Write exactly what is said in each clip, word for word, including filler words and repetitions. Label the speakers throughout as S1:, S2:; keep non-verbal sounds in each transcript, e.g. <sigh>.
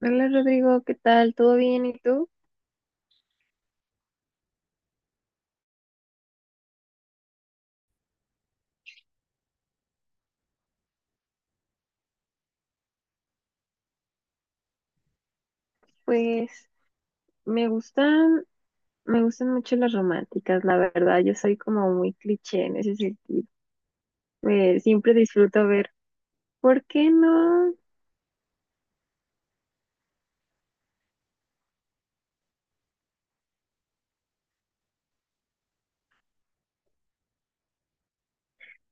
S1: Hola Rodrigo, ¿qué tal? ¿Todo bien? ¿Y tú? Pues me gustan, me gustan mucho las románticas, la verdad. Yo soy como muy cliché en ese sentido. Eh, siempre disfruto ver, ¿por qué no?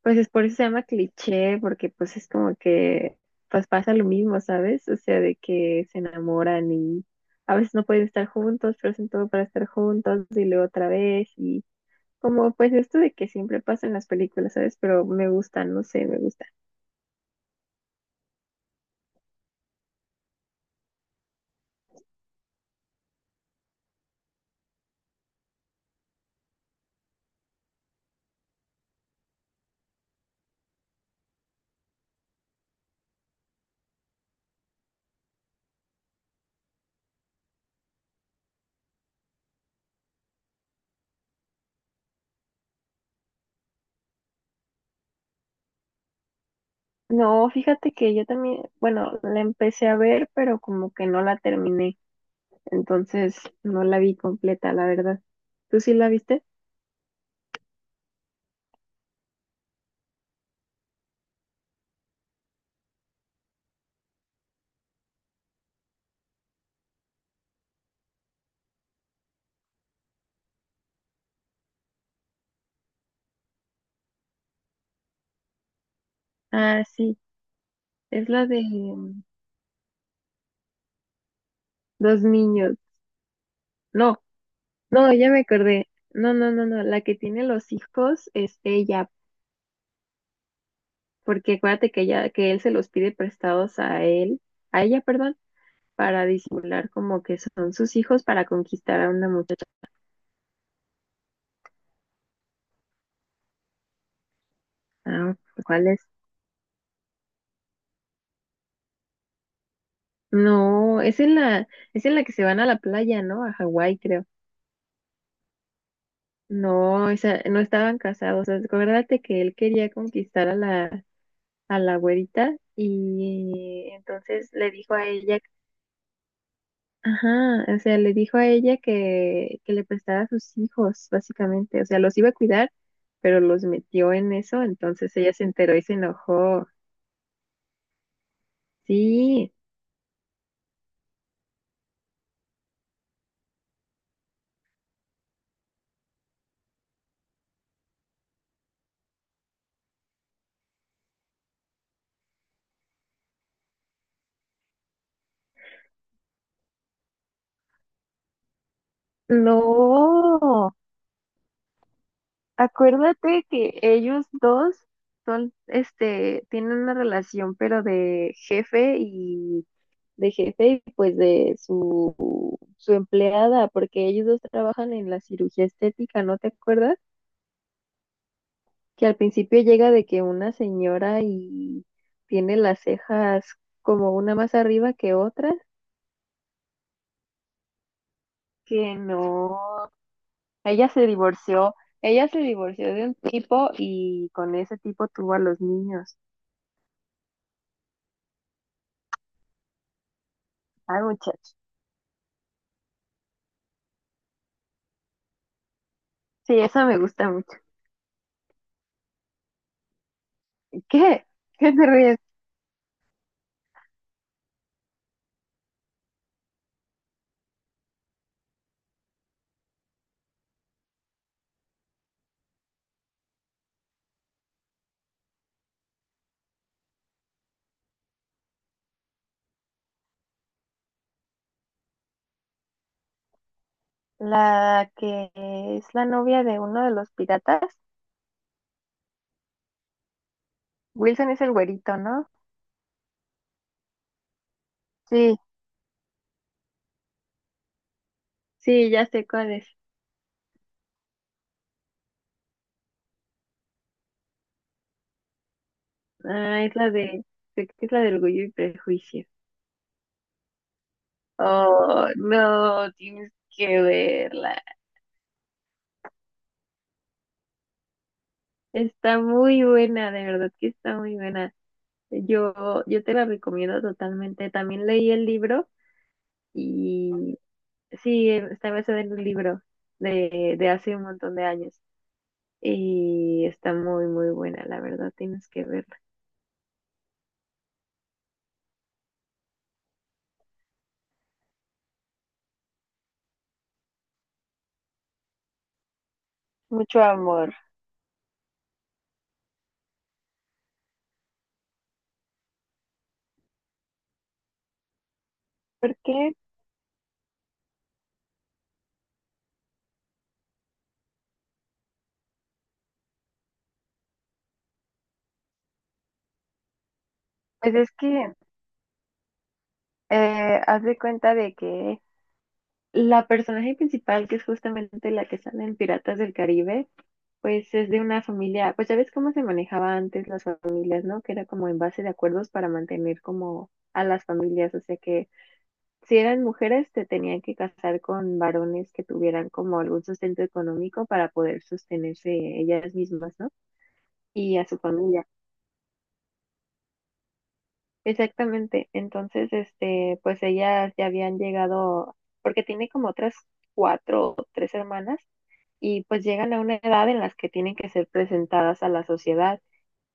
S1: Pues es por eso se llama cliché, porque pues es como que pues pasa lo mismo, ¿sabes? O sea, de que se enamoran y a veces no pueden estar juntos, pero hacen todo para estar juntos y luego otra vez y como pues esto de que siempre pasa en las películas, ¿sabes? Pero me gusta, no sé, me gusta. No, fíjate que yo también, bueno, la empecé a ver, pero como que no la terminé. Entonces no la vi completa, la verdad. ¿Tú sí la viste? Ah, sí, es la de mm, dos niños. No, no, ya me acordé. No, no, no, no, la que tiene los hijos es ella, porque acuérdate que ella, que él se los pide prestados a él, a ella, perdón, para disimular como que son sus hijos para conquistar a una muchacha. Ah, ¿cuál es? No, es en la, es en la que se van a la playa, ¿no? A Hawái, creo. No, esa, no estaban casados. Acuérdate que él quería conquistar a la, a la güerita y entonces le dijo a ella. Ajá, o sea, le dijo a ella que, que le prestara a sus hijos, básicamente. O sea, los iba a cuidar, pero los metió en eso, entonces ella se enteró y se enojó. Sí, no, acuérdate que ellos dos son, este, tienen una relación, pero de jefe y de jefe y pues de su, su empleada, porque ellos dos trabajan en la cirugía estética, ¿no te acuerdas? Que al principio llega de que una señora y tiene las cejas como una más arriba que otras, que no, ella se divorció, ella se divorció de un tipo y con ese tipo tuvo a los niños. Ay, muchacho. Sí, esa me gusta mucho. ¿Qué? ¿Qué te ríes? La que es la novia de uno de los piratas. Wilson es el güerito, ¿no? Sí, sí, ya sé cuál es. Ah, es la de, creo que es la del orgullo y prejuicio. Oh, no, tienes que verla. Está muy buena, de verdad que está muy buena. Yo, yo te la recomiendo totalmente. También leí el libro y sí, está basada en un libro de, de hace un montón de años. Y está muy, muy buena, la verdad, tienes que verla. Mucho amor. ¿Por qué? Pues es que eh, haz de cuenta de que la personaje principal, que es justamente la que sale en Piratas del Caribe, pues es de una familia, pues ya ves cómo se manejaba antes las familias, ¿no? Que era como en base de acuerdos para mantener como a las familias, o sea que si eran mujeres te tenían que casar con varones que tuvieran como algún sustento económico para poder sostenerse ellas mismas, ¿no? Y a su familia. Exactamente. Entonces, este, pues ellas ya habían llegado, porque tiene como otras cuatro o tres hermanas y pues llegan a una edad en las que tienen que ser presentadas a la sociedad.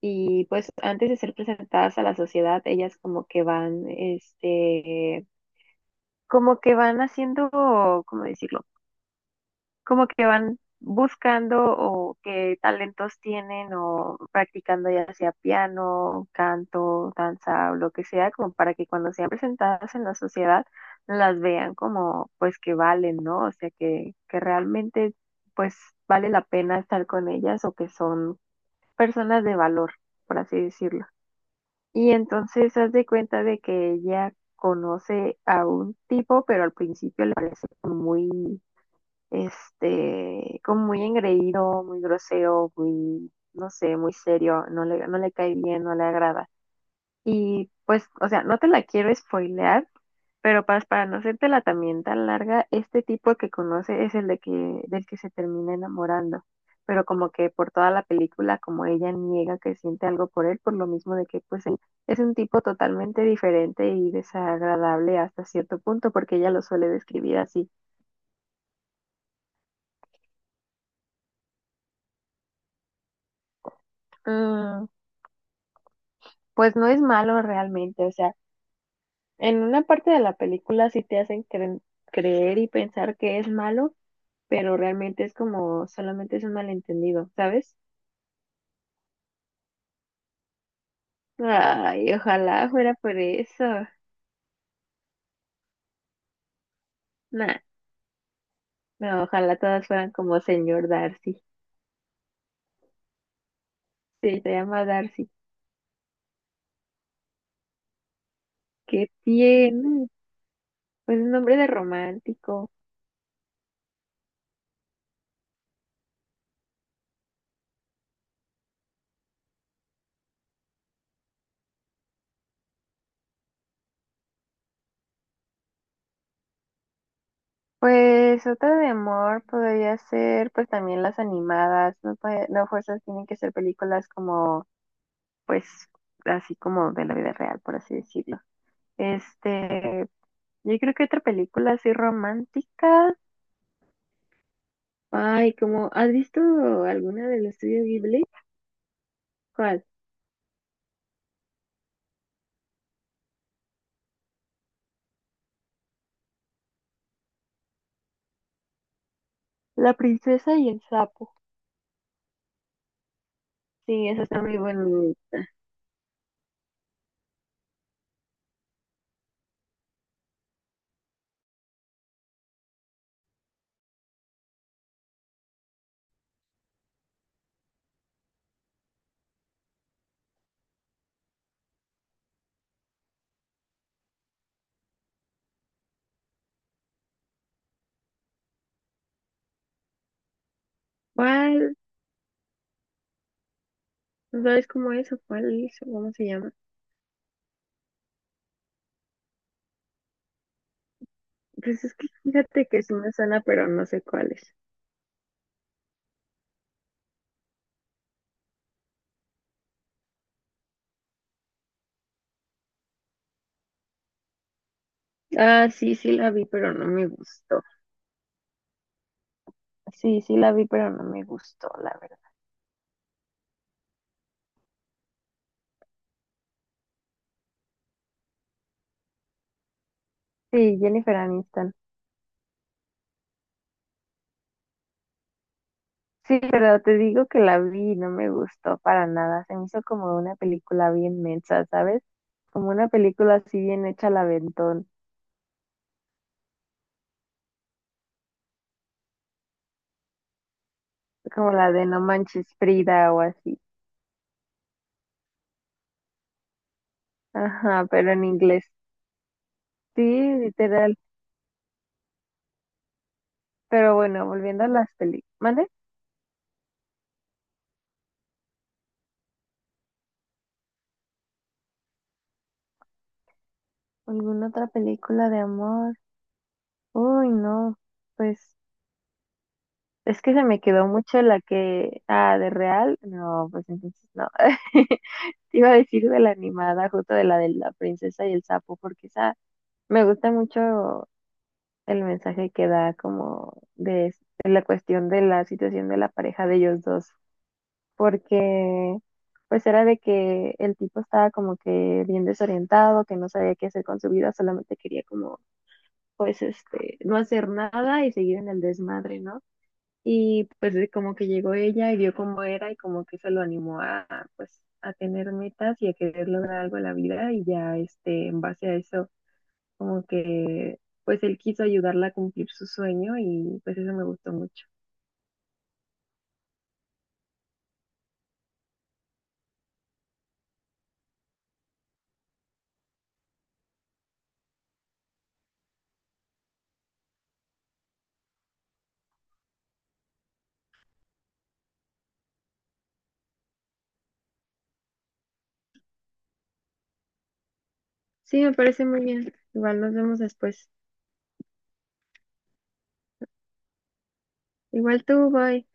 S1: Y pues antes de ser presentadas a la sociedad, ellas como que van, este, como que van haciendo, ¿cómo decirlo? Como que van buscando o qué talentos tienen o practicando ya sea piano, canto, danza o lo que sea, como para que cuando sean presentadas en la sociedad las vean como pues que valen, ¿no? O sea, que, que realmente pues vale la pena estar con ellas o que son personas de valor, por así decirlo. Y entonces haz de cuenta de que ella conoce a un tipo, pero al principio le parece como muy, este, como muy engreído, muy grosero, muy, no sé, muy serio, no le, no le cae bien, no le agrada. Y pues, o sea, no te la quiero spoilear, pero para, para no hacértela también tan larga, este tipo que conoce es el de que, del que se termina enamorando. Pero como que por toda la película, como ella niega que siente algo por él, por lo mismo de que pues él es un tipo totalmente diferente y desagradable hasta cierto punto, porque ella lo suele describir así. "Mm, pues no es malo realmente, o sea, en una parte de la película sí te hacen cre- creer y pensar que es malo, pero realmente es como solamente es un malentendido, ¿sabes? Ay, ojalá fuera por eso. Nah, no, ojalá todas fueran como señor Darcy. Sí, se llama Darcy. ¿Qué tiene? Pues un nombre de romántico. Pues otra de amor podría ser pues también las animadas, no, puede- no fuerzas tienen que ser películas como pues así como de la vida real, por así decirlo. Este, yo creo que otra película así romántica, ay, como, ¿has visto alguna del estudio Ghibli? ¿Cuál? La princesa y el sapo. Sí, esa está muy buena. ¿Cuál? ¿No? ¿Sabes cómo es o cuál es o cómo se llama? Pues es que fíjate que sí me suena, pero no sé cuál es. Ah, sí, sí la vi, pero no me gustó. Sí, sí la vi, pero no me gustó, la verdad. Sí, Jennifer Aniston. Sí, pero te digo que la vi y no me gustó para nada. Se me hizo como una película bien mensa, ¿sabes? Como una película así bien hecha al aventón. Como la de No Manches Frida o así. Ajá, pero en inglés. Sí, literal. Pero bueno, volviendo a las películas. ¿Mande? ¿Alguna otra película de amor? Uy, no. Pues es que se me quedó mucho la que. Ah, de real. No, pues entonces no. <laughs> Te iba a decir de la animada, justo de la de la princesa y el sapo, porque esa me gusta mucho el mensaje que da como de, de la cuestión de la situación de la pareja de ellos dos, porque pues era de que el tipo estaba como que bien desorientado, que no sabía qué hacer con su vida, solamente quería como pues este, no hacer nada y seguir en el desmadre, ¿no? Y pues de como que llegó ella y vio cómo era y como que eso lo animó a pues a tener metas y a querer lograr algo en la vida y ya este en base a eso como que pues él quiso ayudarla a cumplir su sueño y pues eso me gustó mucho. Sí, me parece muy bien. Igual nos vemos después. Igual tú, bye.